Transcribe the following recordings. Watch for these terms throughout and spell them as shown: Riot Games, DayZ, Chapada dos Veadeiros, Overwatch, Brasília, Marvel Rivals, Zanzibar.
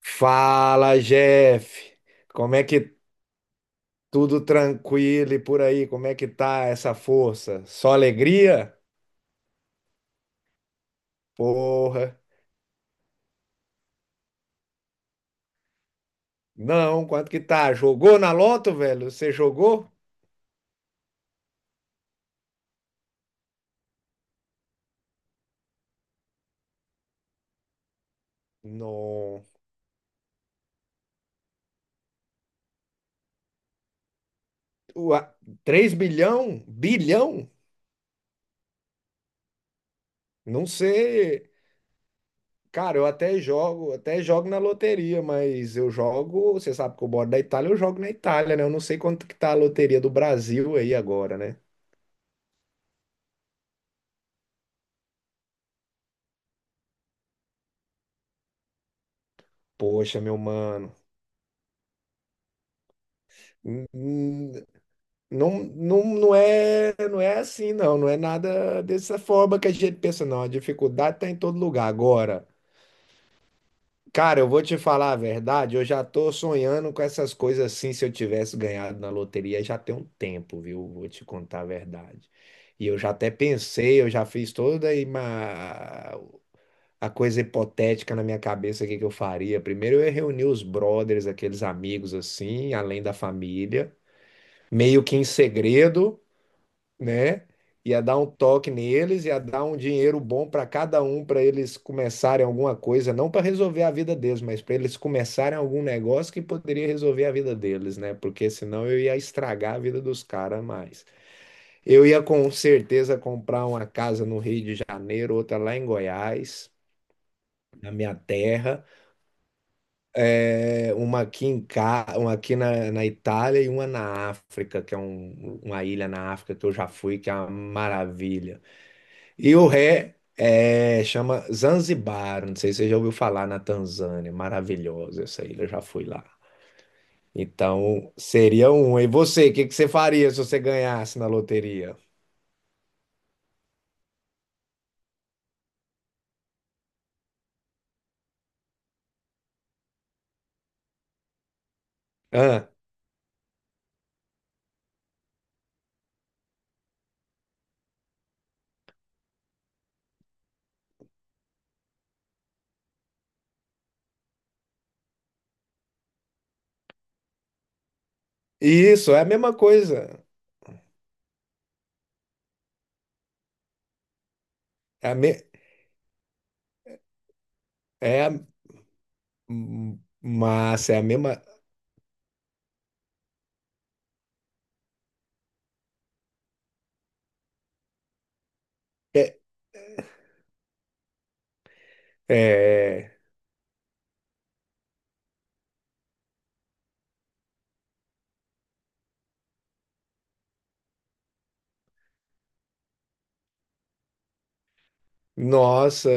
Fala, Jeff. Como é que tudo tranquilo e por aí? Como é que tá essa força? Só alegria? Porra. Não, quanto que tá? Jogou na loto, velho? Você jogou? Não. Ua, 3 bilhão? Bilhão? Não sei. Cara, eu até jogo na loteria, mas eu jogo, você sabe que eu moro da Itália, eu jogo na Itália, né? Eu não sei quanto que tá a loteria do Brasil aí agora, né? Poxa, meu mano. Não, não, não é assim, não. Não é nada dessa forma que a gente pensa, não. A dificuldade tá em todo lugar. Agora, cara, eu vou te falar a verdade, eu já tô sonhando com essas coisas assim. Se eu tivesse ganhado na loteria, já tem um tempo, viu? Vou te contar a verdade. E eu já até pensei, eu já fiz toda a coisa hipotética na minha cabeça, o que que eu faria. Primeiro eu ia reunir os brothers, aqueles amigos assim, além da família, meio que em segredo, né? Ia dar um toque neles, ia dar um dinheiro bom para cada um, para eles começarem alguma coisa, não para resolver a vida deles, mas para eles começarem algum negócio que poderia resolver a vida deles, né? Porque senão eu ia estragar a vida dos caras mais. Eu ia com certeza comprar uma casa no Rio de Janeiro, outra lá em Goiás, na minha terra, é, uma aqui na Itália e uma na África, que é uma ilha na África que eu já fui, que é uma maravilha. E o ré é, chama Zanzibar, não sei se você já ouviu falar na Tanzânia, maravilhosa essa ilha, eu já fui lá. Então, seria um. E você, o que que você faria se você ganhasse na loteria? Ah, isso, é a mesma coisa. É a me... é a... Massa. É a mesma... É... é- Nossa,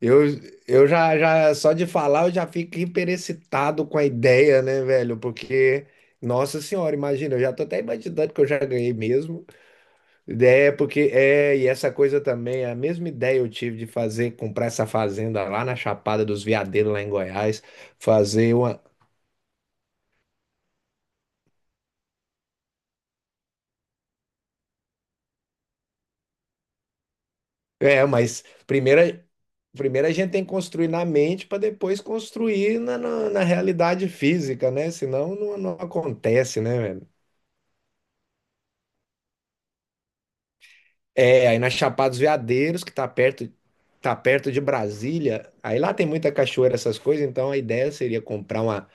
Eu, eu só de falar, eu já fico hiperexcitado com a ideia, né, velho? Porque, nossa senhora, imagina, eu já tô até imaginando que eu já ganhei mesmo. É, porque, é, e essa coisa também, é a mesma ideia eu tive de fazer, comprar essa fazenda lá na Chapada dos Veadeiros, lá em Goiás, fazer uma. É, mas primeiro a gente tem que construir na mente para depois construir na realidade física, né? Senão não acontece, né, velho? É, aí na Chapada dos Veadeiros, que tá perto de Brasília, aí lá tem muita cachoeira, essas coisas, então a ideia seria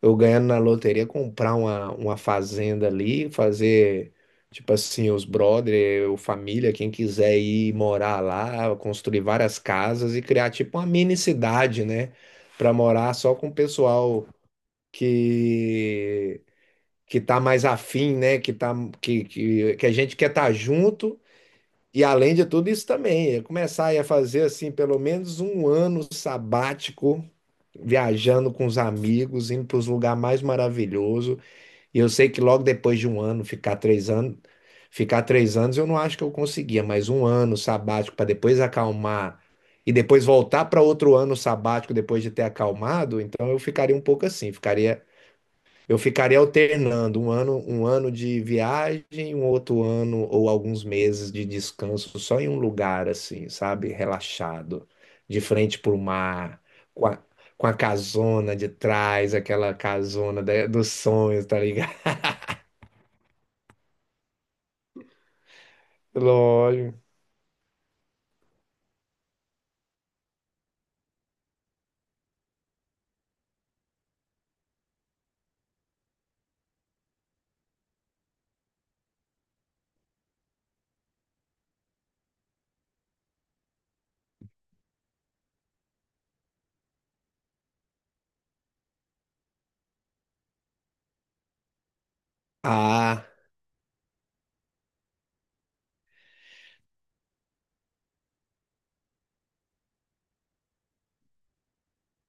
eu ganhando na loteria, comprar uma fazenda ali, fazer, tipo assim, os brother, ou família, quem quiser ir morar lá, construir várias casas e criar tipo uma mini cidade, né, para morar só com o pessoal que que tá mais afim, né, que a gente quer estar junto. E além de tudo isso também, eu começar aí a fazer assim pelo menos um ano sabático, viajando com os amigos, indo para os lugares mais maravilhosos. E eu sei que logo depois de um ano, ficar três anos, eu não acho que eu conseguia, mas um ano sabático para depois acalmar e depois voltar para outro ano sabático depois de ter acalmado, então eu ficaria um pouco assim, ficaria eu ficaria alternando um ano de viagem, um outro ano ou alguns meses de descanso só em um lugar assim, sabe? Relaxado, de frente para o mar, com a, com a casona de trás, aquela casona dos sonhos, tá ligado? Lógico. Ah,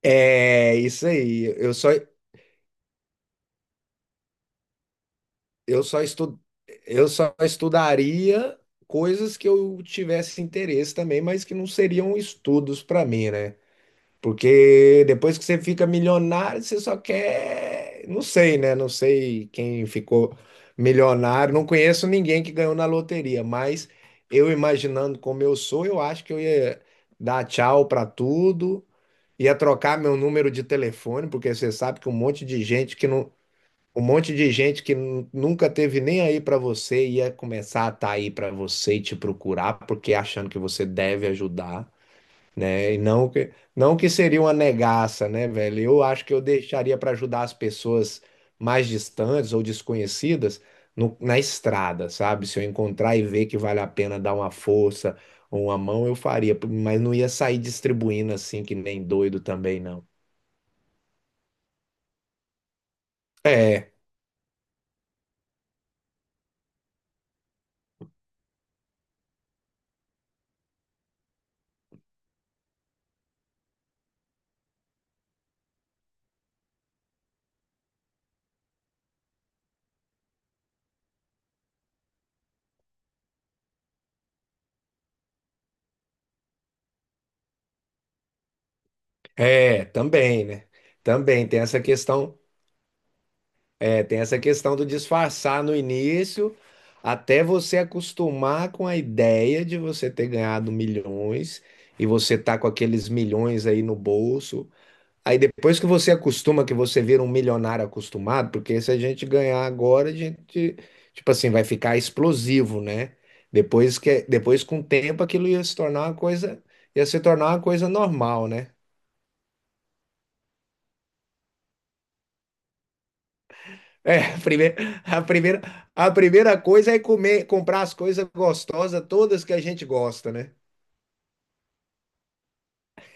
é isso aí. Eu só estu, eu só estudaria coisas que eu tivesse interesse também, mas que não seriam estudos para mim, né? Porque depois que você fica milionário, você só quer. Não sei, né? Não sei quem ficou milionário. Não conheço ninguém que ganhou na loteria, mas eu imaginando como eu sou, eu acho que eu ia dar tchau para tudo, ia trocar meu número de telefone, porque você sabe que um monte de gente que não. Um monte de gente que nunca teve nem aí para você ia começar a estar aí para você e te procurar, porque achando que você deve ajudar, né? E não que seria uma negaça, né, velho? Eu acho que eu deixaria para ajudar as pessoas mais distantes ou desconhecidas na estrada, sabe? Se eu encontrar e ver que vale a pena dar uma força ou uma mão, eu faria, mas não ia sair distribuindo assim que nem doido também, não. É, é, também, né? Também tem essa questão. É, tem essa questão do disfarçar no início, até você acostumar com a ideia de você ter ganhado milhões e você tá com aqueles milhões aí no bolso. Aí depois que você acostuma, que você vira um milionário acostumado, porque se a gente ganhar agora, a gente, tipo assim, vai ficar explosivo, né? Depois com o tempo, aquilo ia se tornar uma coisa, ia se tornar uma coisa normal, né? É, a primeira, a primeira coisa é comer, comprar as coisas gostosas, todas que a gente gosta, né?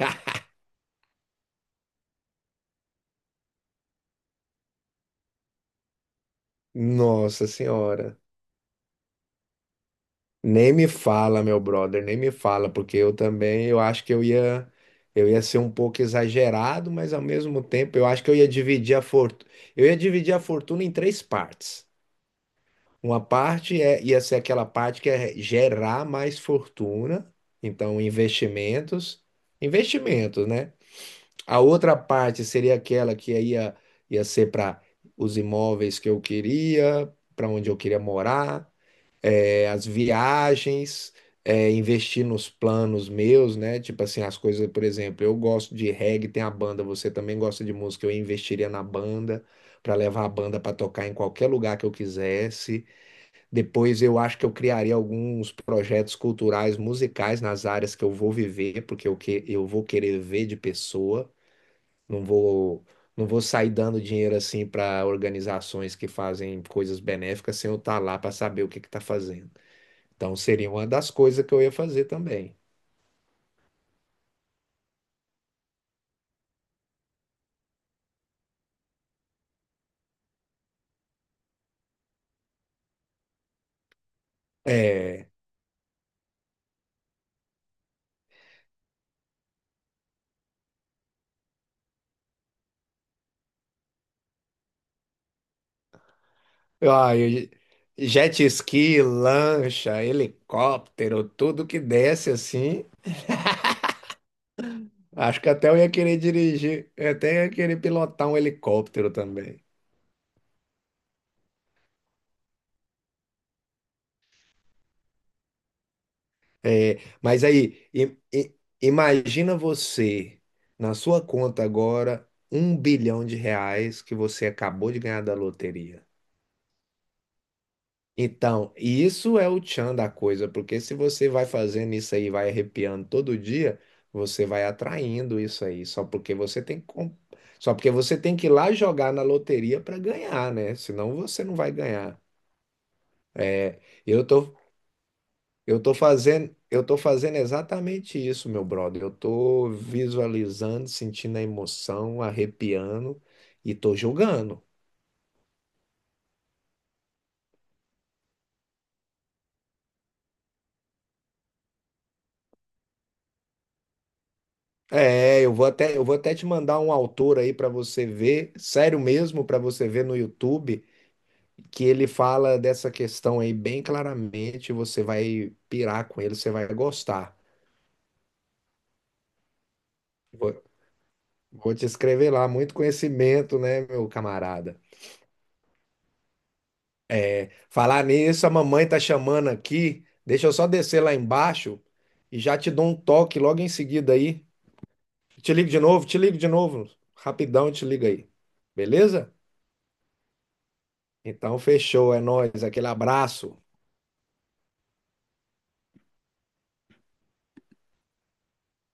Nossa Senhora. Nem me fala, meu brother, nem me fala, porque eu também, eu acho que eu ia ser um pouco exagerado, mas ao mesmo tempo eu acho que eu ia dividir a fortuna em três partes. Uma parte é, ia ser aquela parte que é gerar mais fortuna, então investimentos, né? A outra parte seria aquela que aí ia ser para os imóveis que eu queria, para onde eu queria morar, as viagens, investir nos planos meus, né? Tipo assim, as coisas, por exemplo, eu gosto de reggae, tem a banda, você também gosta de música, eu investiria na banda. Para levar a banda para tocar em qualquer lugar que eu quisesse. Depois eu acho que eu criaria alguns projetos culturais, musicais nas áreas que eu vou viver, porque eu vou querer ver de pessoa. Não vou, não vou sair dando dinheiro assim para organizações que fazem coisas benéficas sem eu estar lá para saber o que que está fazendo. Então seria uma das coisas que eu ia fazer também. É, ah, jet ski, lancha, helicóptero, tudo que desce assim. Acho que até eu ia querer dirigir, eu até ia querer pilotar um helicóptero também. É, mas aí, imagina você na sua conta agora 1 bilhão de reais que você acabou de ganhar da loteria. Então, isso é o tchan da coisa, porque se você vai fazendo isso aí, vai arrepiando todo dia, você vai atraindo isso aí, só porque você tem que, com- só porque você tem que ir lá jogar na loteria para ganhar, né? Senão você não vai ganhar. É, eu tô eu tô fazendo exatamente isso, meu brother. Eu tô visualizando, sentindo a emoção, arrepiando e tô julgando. É, eu vou até te mandar um autor aí para você ver, sério mesmo, para você ver no YouTube, que ele fala dessa questão aí bem claramente. Você vai pirar com ele, você vai gostar. Vou, vou te escrever lá, muito conhecimento, né, meu camarada? Falar nisso, a mamãe tá chamando aqui. Deixa eu só descer lá embaixo e já te dou um toque logo em seguida aí. Te ligo de novo, te ligo de novo. Rapidão, eu te ligo aí. Beleza? Então, fechou, é nóis. Aquele abraço.